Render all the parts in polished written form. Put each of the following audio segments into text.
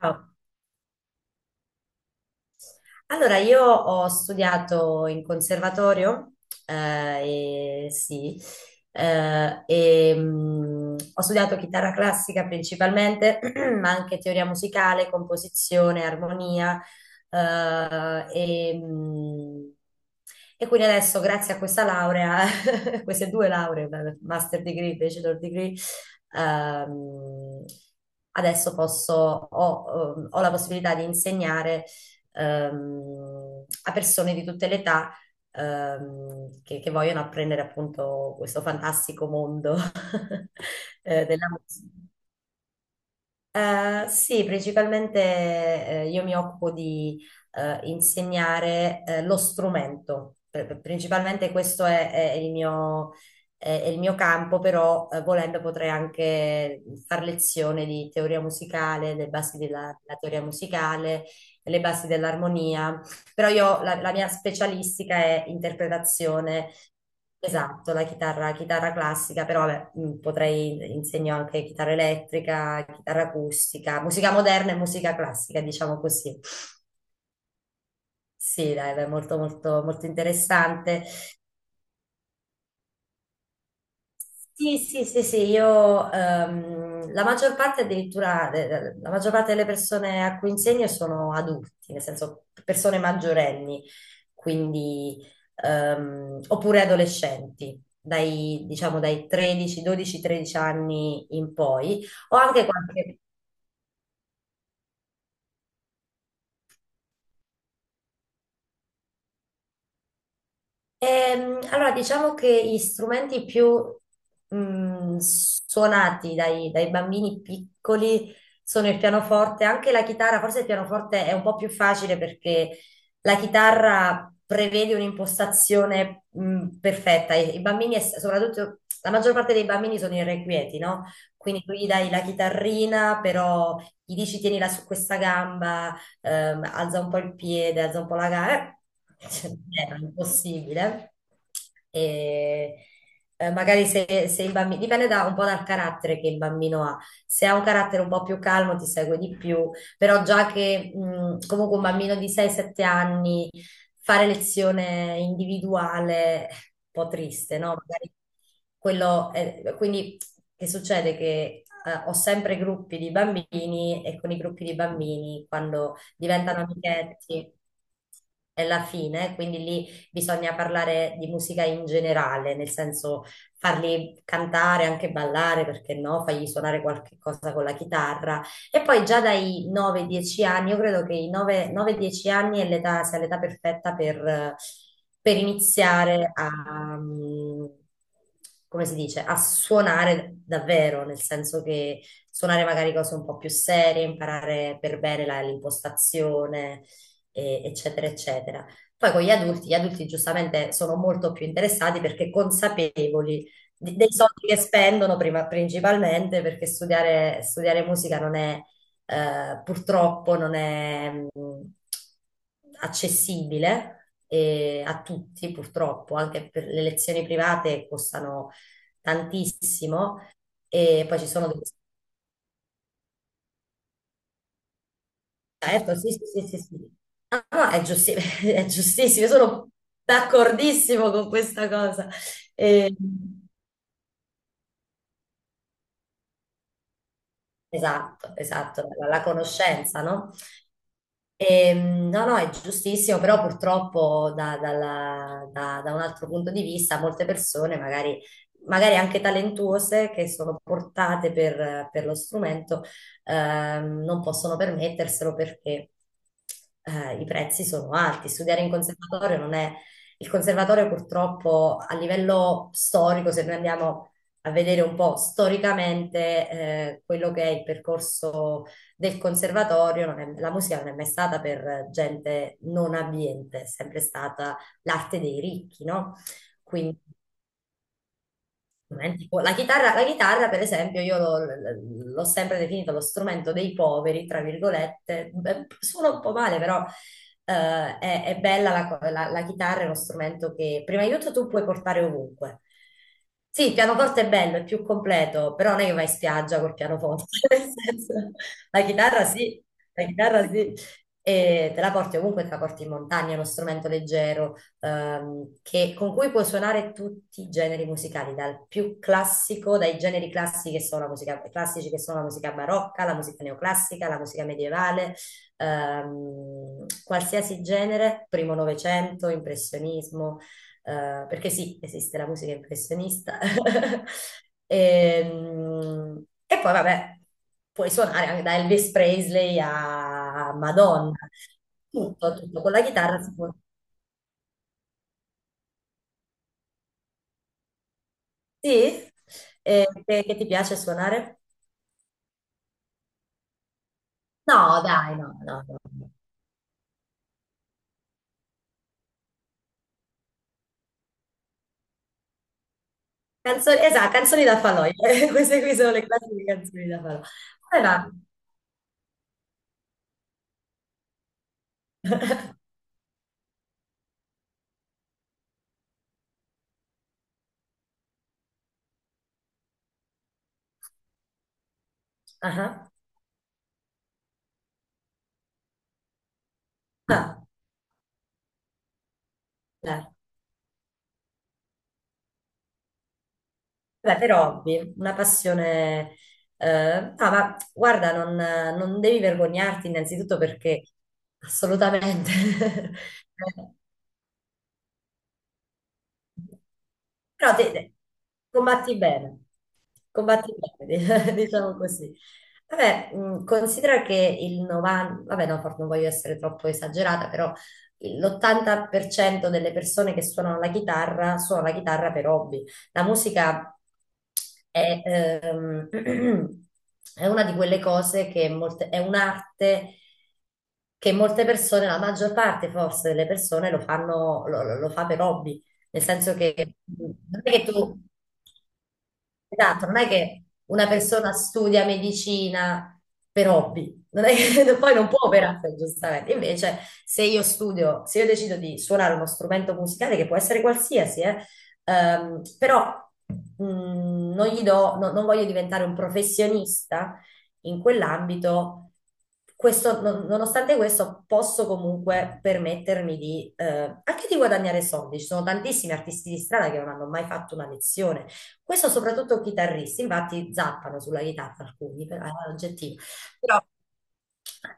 Ciao. Allora, io ho studiato in conservatorio, e, sì, e, ho studiato chitarra classica principalmente, ma anche teoria musicale, composizione, armonia, eh, e, mh, e quindi adesso, grazie a questa laurea, queste due lauree, master degree, bachelor degree, ehm, adesso posso, ho la possibilità di insegnare a persone di tutte le età, che vogliono apprendere appunto questo fantastico mondo della musica. Sì, principalmente io mi occupo di insegnare lo strumento. Principalmente questo è il mio, è il mio campo, però volendo potrei anche far lezione di teoria musicale, le basi della teoria musicale, le basi dell'armonia, però io la mia specialistica è interpretazione. Esatto, la chitarra, chitarra classica, però vabbè, potrei insegno anche chitarra elettrica, chitarra acustica, musica moderna e musica classica, diciamo così. Sì, dai, beh, molto molto molto interessante. Sì, sì, sì, sì, io la maggior parte addirittura, la maggior parte delle persone a cui insegno sono adulti, nel senso persone maggiorenni, quindi, oppure adolescenti, dai, diciamo dai 13, 12, 13 anni in poi. Ho anche qualche. Allora, diciamo che gli strumenti più suonati dai bambini piccoli sono il pianoforte, anche la chitarra. Forse il pianoforte è un po' più facile perché la chitarra prevede un'impostazione perfetta. I bambini, soprattutto la maggior parte dei bambini sono irrequieti, no? Quindi tu gli dai la chitarrina, però gli dici tienila su questa gamba, alza un po' il piede, alza un po' la gara, cioè, non era impossibile. E, magari se il bambino, un po' dal carattere che il bambino ha. Se ha un carattere un po' più calmo ti segue di più, però già che comunque un bambino di 6-7 anni fare lezione individuale è un po' triste, no? Magari quindi che succede? Che ho sempre gruppi di bambini e con i gruppi di bambini, quando diventano amichetti. È la fine, quindi lì bisogna parlare di musica in generale, nel senso farli cantare, anche ballare, perché no, fargli suonare qualche cosa con la chitarra. E poi già dai 9-10 anni, io credo che i 9-10 anni sia l'età perfetta per iniziare a, come si dice, a suonare davvero, nel senso che suonare magari cose un po' più serie, imparare per bene l'impostazione, eccetera, eccetera. Poi con gli adulti giustamente sono molto più interessati perché consapevoli dei soldi che spendono, principalmente perché studiare musica non è, purtroppo non è, accessibile, a tutti, purtroppo. Anche per le lezioni private costano tantissimo e poi ci sono degli. Certo, sì, sì, sì, sì, sì. Ah, no, è è giustissimo, io sono d'accordissimo con questa cosa. E- Esatto, esatto, la conoscenza, no? No, no, è giustissimo, però purtroppo da un altro punto di vista molte persone, magari, magari anche talentuose, che sono portate per lo strumento, non possono permetterselo perché i prezzi sono alti. Studiare in conservatorio non è. Il conservatorio purtroppo a livello storico, se noi andiamo a vedere un po' storicamente quello che è il percorso del conservatorio. Non è. La musica non è mai stata per gente non abbiente, è sempre stata l'arte dei ricchi, no? La chitarra, per esempio, io l'ho sempre definita lo strumento dei poveri, tra virgolette. Beh, suona un po' male, però è bella la chitarra, è uno strumento che prima di tutto tu puoi portare ovunque. Sì, il pianoforte è bello, è più completo, però non è che vai in spiaggia col pianoforte, nel senso, la chitarra sì, la chitarra sì, e te la porti ovunque, te la porti in montagna, è uno strumento leggero, con cui puoi suonare tutti i generi musicali, dal più classico, dai generi classici che sono la musica, classici che sono la musica barocca, la musica neoclassica, la musica medievale, qualsiasi genere, primo novecento, impressionismo, perché sì, esiste la musica impressionista. E poi vabbè, puoi suonare anche da Elvis Presley a Madonna, tutto, tutto, con la chitarra si può. Sì? E che ti piace suonare? No, dai, no, no, no. No. Canzoni, esatto, canzoni da falò. Queste qui sono le classiche canzoni da falò. Allora, ah, ah, ah, beh, beh, per hobby, una passione. Ah, ma guarda, non devi vergognarti innanzitutto perché assolutamente. Però combatti bene, combatti bene, diciamo così. Vabbè, considera che il 90, vabbè no, forse non voglio essere troppo esagerata, però l'80% delle persone che suonano la chitarra suona la chitarra per hobby. La musica è, è una di quelle cose che molte, è un'arte che molte persone, la maggior parte forse delle persone lo fanno, lo, lo fa per hobby, nel senso che non è che tu. Esatto, non è che una persona studia medicina per hobby, non è che poi non può operare, giustamente. Invece, se io decido di suonare uno strumento musicale, che può essere qualsiasi, però mh, non gli do, non voglio diventare un professionista in quell'ambito. Questo, nonostante questo, posso comunque permettermi di, anche di guadagnare soldi. Ci sono tantissimi artisti di strada che non hanno mai fatto una lezione. Questo soprattutto chitarristi, infatti zappano sulla chitarra alcuni, però è un aggettivo. Però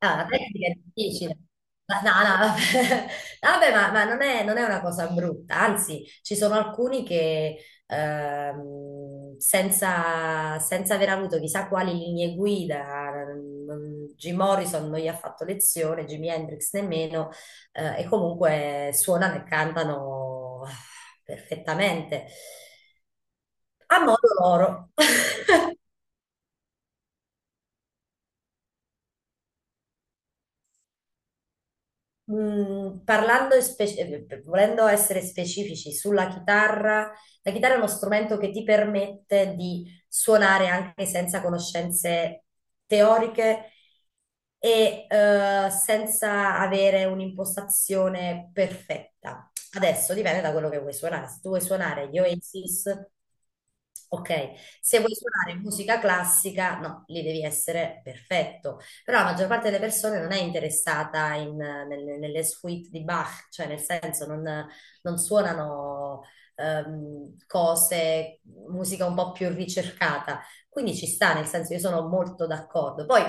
ah, la tecnica è difficile. No, no, vabbè, vabbè, ma non è, non è una cosa brutta, anzi, ci sono alcuni che senza aver avuto chissà quali linee guida, Jim Morrison non gli ha fatto lezione, Jimi Hendrix nemmeno, e comunque suonano e cantano perfettamente, a modo loro. Parlando, e volendo essere specifici sulla chitarra, la chitarra è uno strumento che ti permette di suonare anche senza conoscenze teoriche e senza avere un'impostazione perfetta. Adesso dipende da quello che vuoi suonare. Se tu vuoi suonare gli Oasis, ok. Se vuoi suonare musica classica, no, lì devi essere perfetto, però la maggior parte delle persone non è interessata nelle suite di Bach, cioè nel senso non, suonano, cose, musica un po' più ricercata. Quindi ci sta, nel senso io sono molto d'accordo. Poi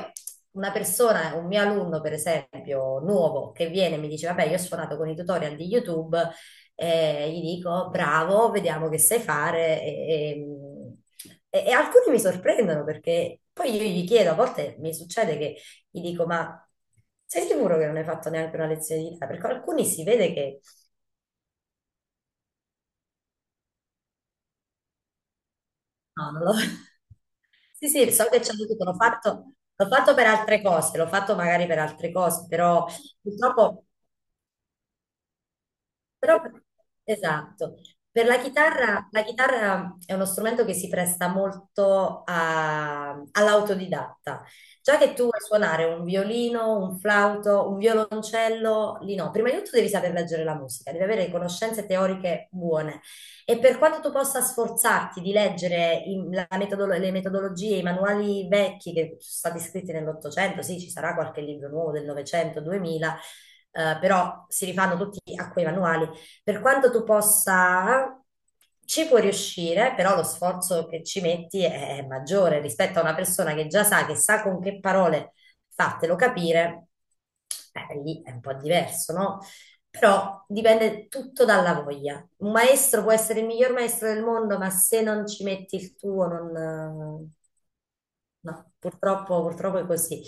una persona, un mio alunno per esempio, nuovo, che viene e mi dice, vabbè, io ho suonato con i tutorial di YouTube, e gli dico, bravo, vediamo che sai fare. E alcuni mi sorprendono perché poi io gli chiedo, a volte mi succede che gli dico, ma sei sicuro che non hai fatto neanche una lezione di Italia? Perché alcuni si vede che. No, non l'ho. Sì, sì, so che ci ho dovuto, l'ho fatto per altre cose, l'ho fatto magari per altre cose, però purtroppo. Però, esatto, per la chitarra è uno strumento che si presta molto all'autodidatta. Già che tu vuoi suonare un violino, un flauto, un violoncello, lì no. Prima di tutto devi saper leggere la musica, devi avere conoscenze teoriche buone. E per quanto tu possa sforzarti di leggere le metodologie, i manuali vecchi che sono stati scritti nell'Ottocento, sì, ci sarà qualche libro nuovo del Novecento, 2000, però si rifanno tutti a quei manuali, per quanto tu possa, ci puoi riuscire, però lo sforzo che ci metti è maggiore rispetto a una persona che già sa, che sa con che parole fartelo capire, lì è un po' diverso, no? Però dipende tutto dalla voglia. Un maestro può essere il miglior maestro del mondo, ma se non ci metti il tuo, non. No, purtroppo, purtroppo è così.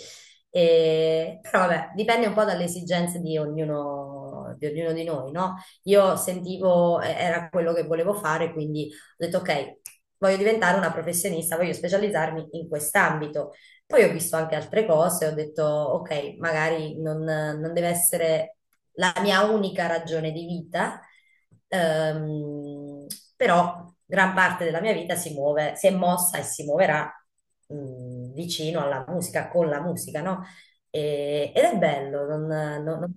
Però vabbè, dipende un po' dalle esigenze di ognuno, di ognuno di noi, no? Io sentivo, era quello che volevo fare, quindi ho detto ok, voglio diventare una professionista, voglio specializzarmi in quest'ambito. Poi ho visto anche altre cose, ho detto ok, magari non, non deve essere la mia unica ragione di vita, ehm, però gran parte della mia vita si muove, si è mossa e si muoverà, vicino alla musica, con la musica, no? Ed è bello, non, non- non-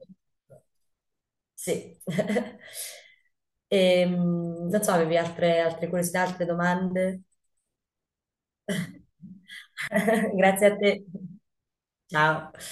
sì. Non so, avevi altre curiosità, altre domande? Grazie a te. Ciao.